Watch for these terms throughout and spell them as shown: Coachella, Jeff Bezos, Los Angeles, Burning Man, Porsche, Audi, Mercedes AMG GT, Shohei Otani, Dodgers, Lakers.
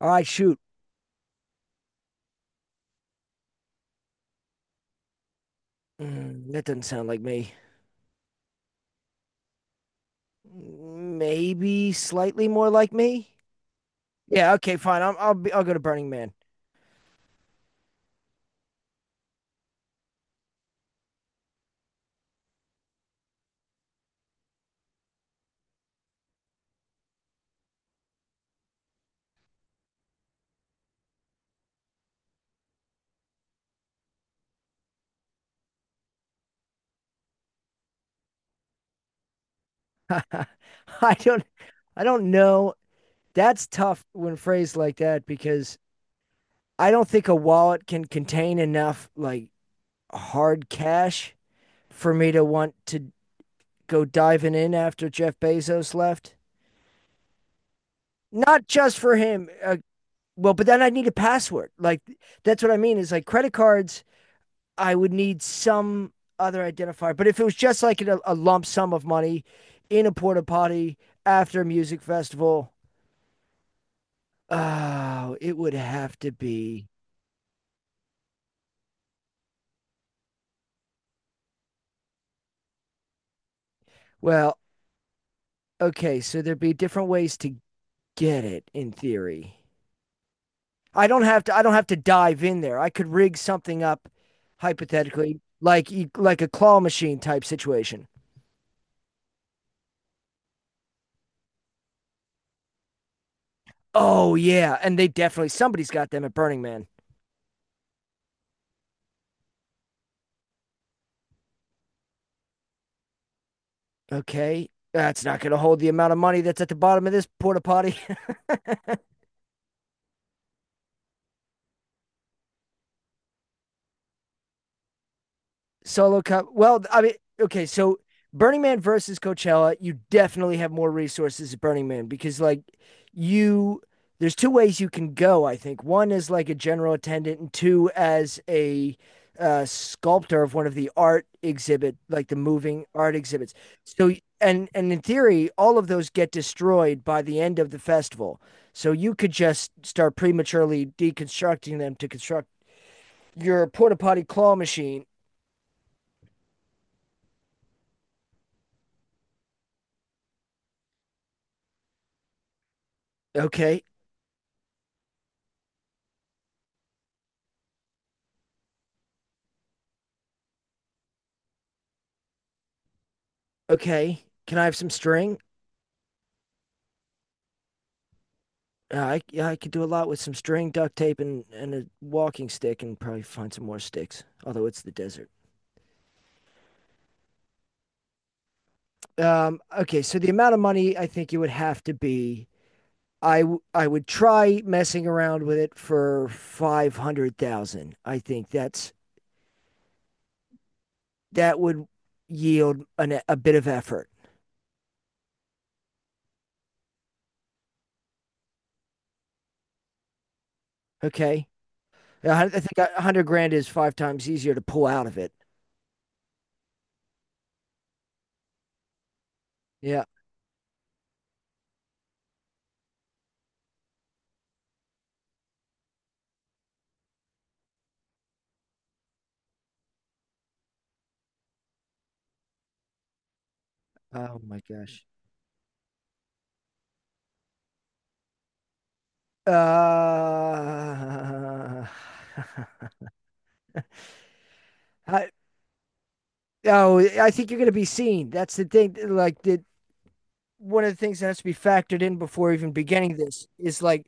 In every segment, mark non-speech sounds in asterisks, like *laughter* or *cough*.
All right, shoot. That doesn't sound like me. Maybe slightly more like me. Yeah. Okay. Fine. I'll go to Burning Man. *laughs* I don't. I don't know. That's tough when phrased like that because I don't think a wallet can contain enough like hard cash for me to want to go diving in after Jeff Bezos left. Not just for him. Well, but then I need a password. Like that's what I mean is like credit cards I would need some other identifier. But if it was just like a lump sum of money in a porta potty after a music festival, oh, it would have to be. Well, okay, so there'd be different ways to get it in theory. I don't have to. I don't have to dive in there. I could rig something up, hypothetically, like a claw machine type situation. Oh yeah, and they definitely somebody's got them at Burning Man. Okay. That's not going to hold the amount of money that's at the bottom of this porta potty. *laughs* Solo cup. Well, I mean, okay, so Burning Man versus Coachella, you definitely have more resources at Burning Man because like you there's two ways you can go, I think. One is like a general attendant and two as a sculptor of one of the art exhibit, like the moving art exhibits. So and in theory, all of those get destroyed by the end of the festival. So you could just start prematurely deconstructing them to construct your porta potty claw machine. Okay, Okay, can I have some string? I yeah, I could do a lot with some string, duct tape, and a walking stick, and probably find some more sticks. Although it's the desert. Okay, so the amount of money I think it would have to be, I would try messing around with it for 500,000. I think that would yield a bit of effort. Okay, I think 100 grand is five times easier to pull out of it. Yeah. Oh my gosh. Uh, *laughs* I, oh, I think you're going to be seen. That's the thing. Like the one of the things that has to be factored in before even beginning this is like,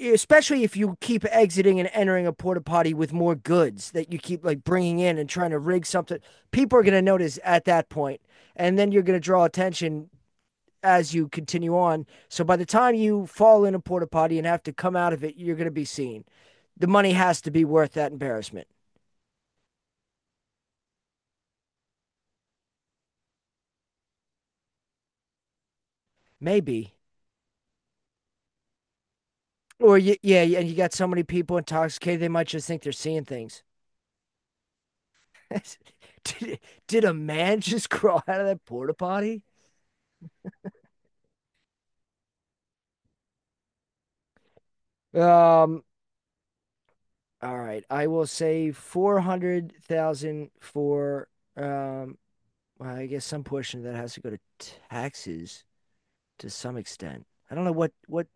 especially if you keep exiting and entering a porta potty with more goods that you keep like bringing in and trying to rig something. People are going to notice at that point, and then you're going to draw attention as you continue on. So by the time you fall in a porta potty and have to come out of it, you're going to be seen. The money has to be worth that embarrassment. Maybe. Yeah, and you got so many people intoxicated, they might just think they're seeing things. *laughs* did, did a man *laughs* just crawl out of that porta potty? Um. All right, I will say $400,000 for. Um. Well, I guess some portion of that has to go to taxes to some extent. I don't know what.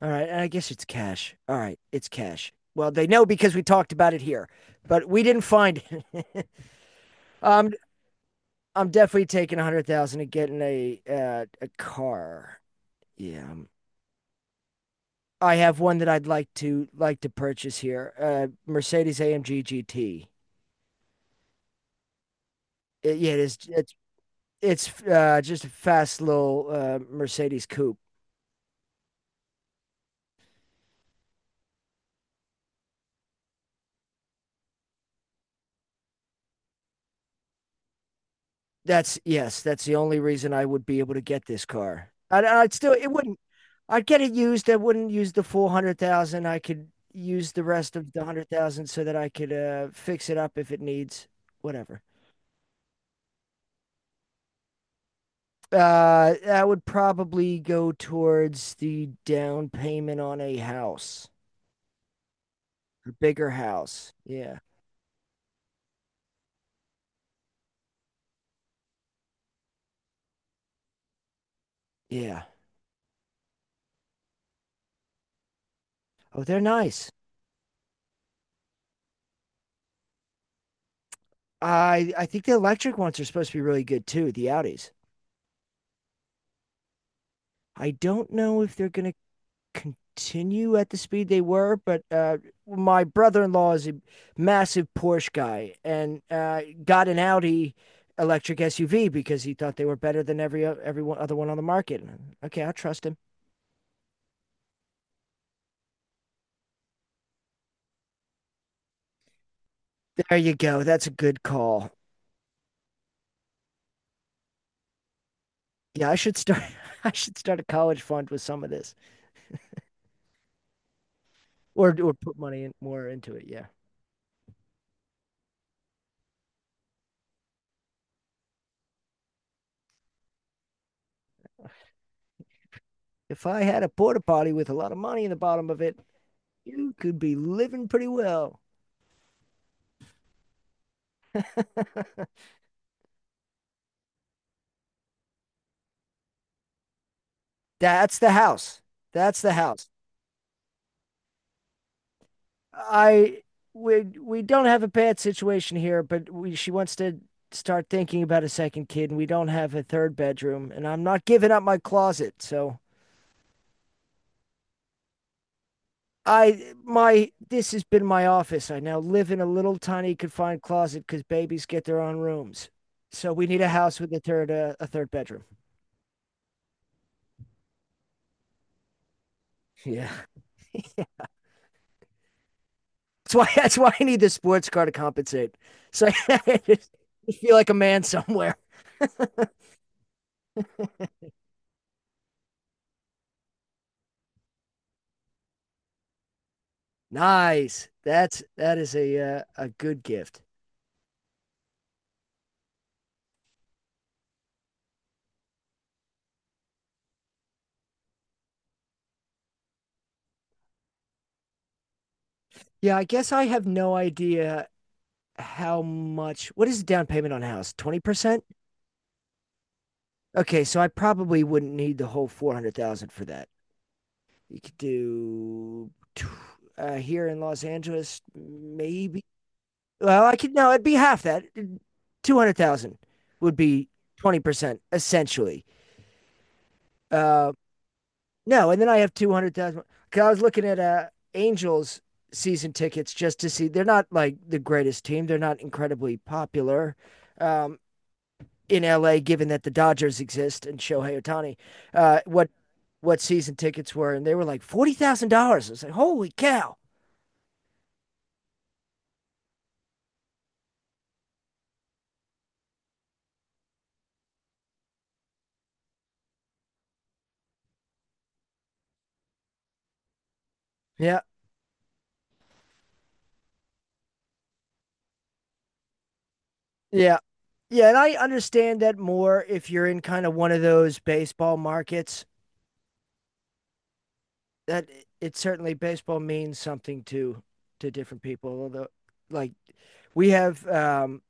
All right, I guess it's cash. All right, it's cash. Well, they know because we talked about it here, but we didn't find it. *laughs* Um, I'm definitely taking 100,000 and getting a car. Yeah, I have one that I'd like to purchase here. Mercedes AMG GT. Yeah, it is. It's just a fast little Mercedes coupe. That's Yes. That's the only reason I would be able to get this car. I'd still it wouldn't. I'd get it used. I wouldn't use the full 100,000. I could use the rest of the 100,000 so that I could fix it up if it needs whatever. That would probably go towards the down payment on a house, a bigger house. Yeah. Yeah. Oh, they're nice. I think the electric ones are supposed to be really good too, the Audis. I don't know if they're going to continue at the speed they were, but my brother-in-law is a massive Porsche guy and got an Audi electric SUV because he thought they were better than every other one on the market. Okay, I trust him. There you go. That's a good call. Yeah, I should start *laughs* I should start a college fund with some of this or put money in, more into it. Yeah. If I had a porta potty with a lot of money in the bottom of it, you could be living pretty well. *laughs* That's the house. That's the house. I we don't have a bad situation here, but we she wants to start thinking about a second kid and we don't have a third bedroom and I'm not giving up my closet. So I my this has been my office. I now live in a little tiny confined closet because babies get their own rooms. So we need a house with a third bedroom. Yeah, that's why *laughs* that's why I need the sports car to compensate. So *laughs* I just feel like a man somewhere. Nice. That is a good gift. Yeah, I guess I have no idea how much. What is the down payment on a house? 20%. Okay, so I probably wouldn't need the whole 400,000 for that. You could do here in Los Angeles, maybe. Well, I could no, it'd be half that. 200,000 would be 20% essentially. Uh, no, and then I have 200,000. Cause I was looking at Angels season tickets just to see. They're not like the greatest team. They're not incredibly popular. Um, in LA, given that the Dodgers exist and Shohei Otani, uh, what what season tickets were, and they were like $40,000. I was like, holy cow! Yeah, yeah. Yeah, and I understand that more if you're in kind of one of those baseball markets that it certainly baseball means something to different people. Although like we have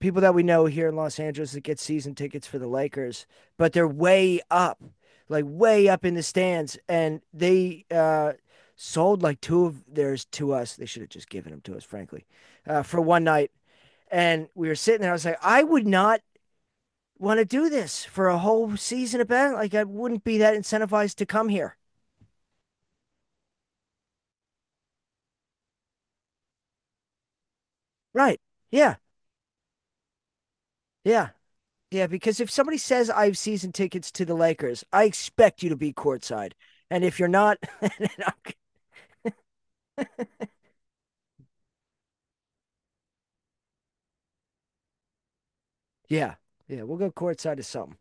people that we know here in Los Angeles that get season tickets for the Lakers, but they're way up, like way up in the stands and they sold like two of theirs to us. They should have just given them to us, frankly, for one night. And we were sitting there. I was like, I would not want to do this for a whole season of bad. Like I wouldn't be that incentivized to come here. Right. Yeah. Yeah. Yeah. Because if somebody says I have season tickets to the Lakers, I expect you to be courtside. And if you're not, *laughs* yeah. Yeah. We'll go courtside to something.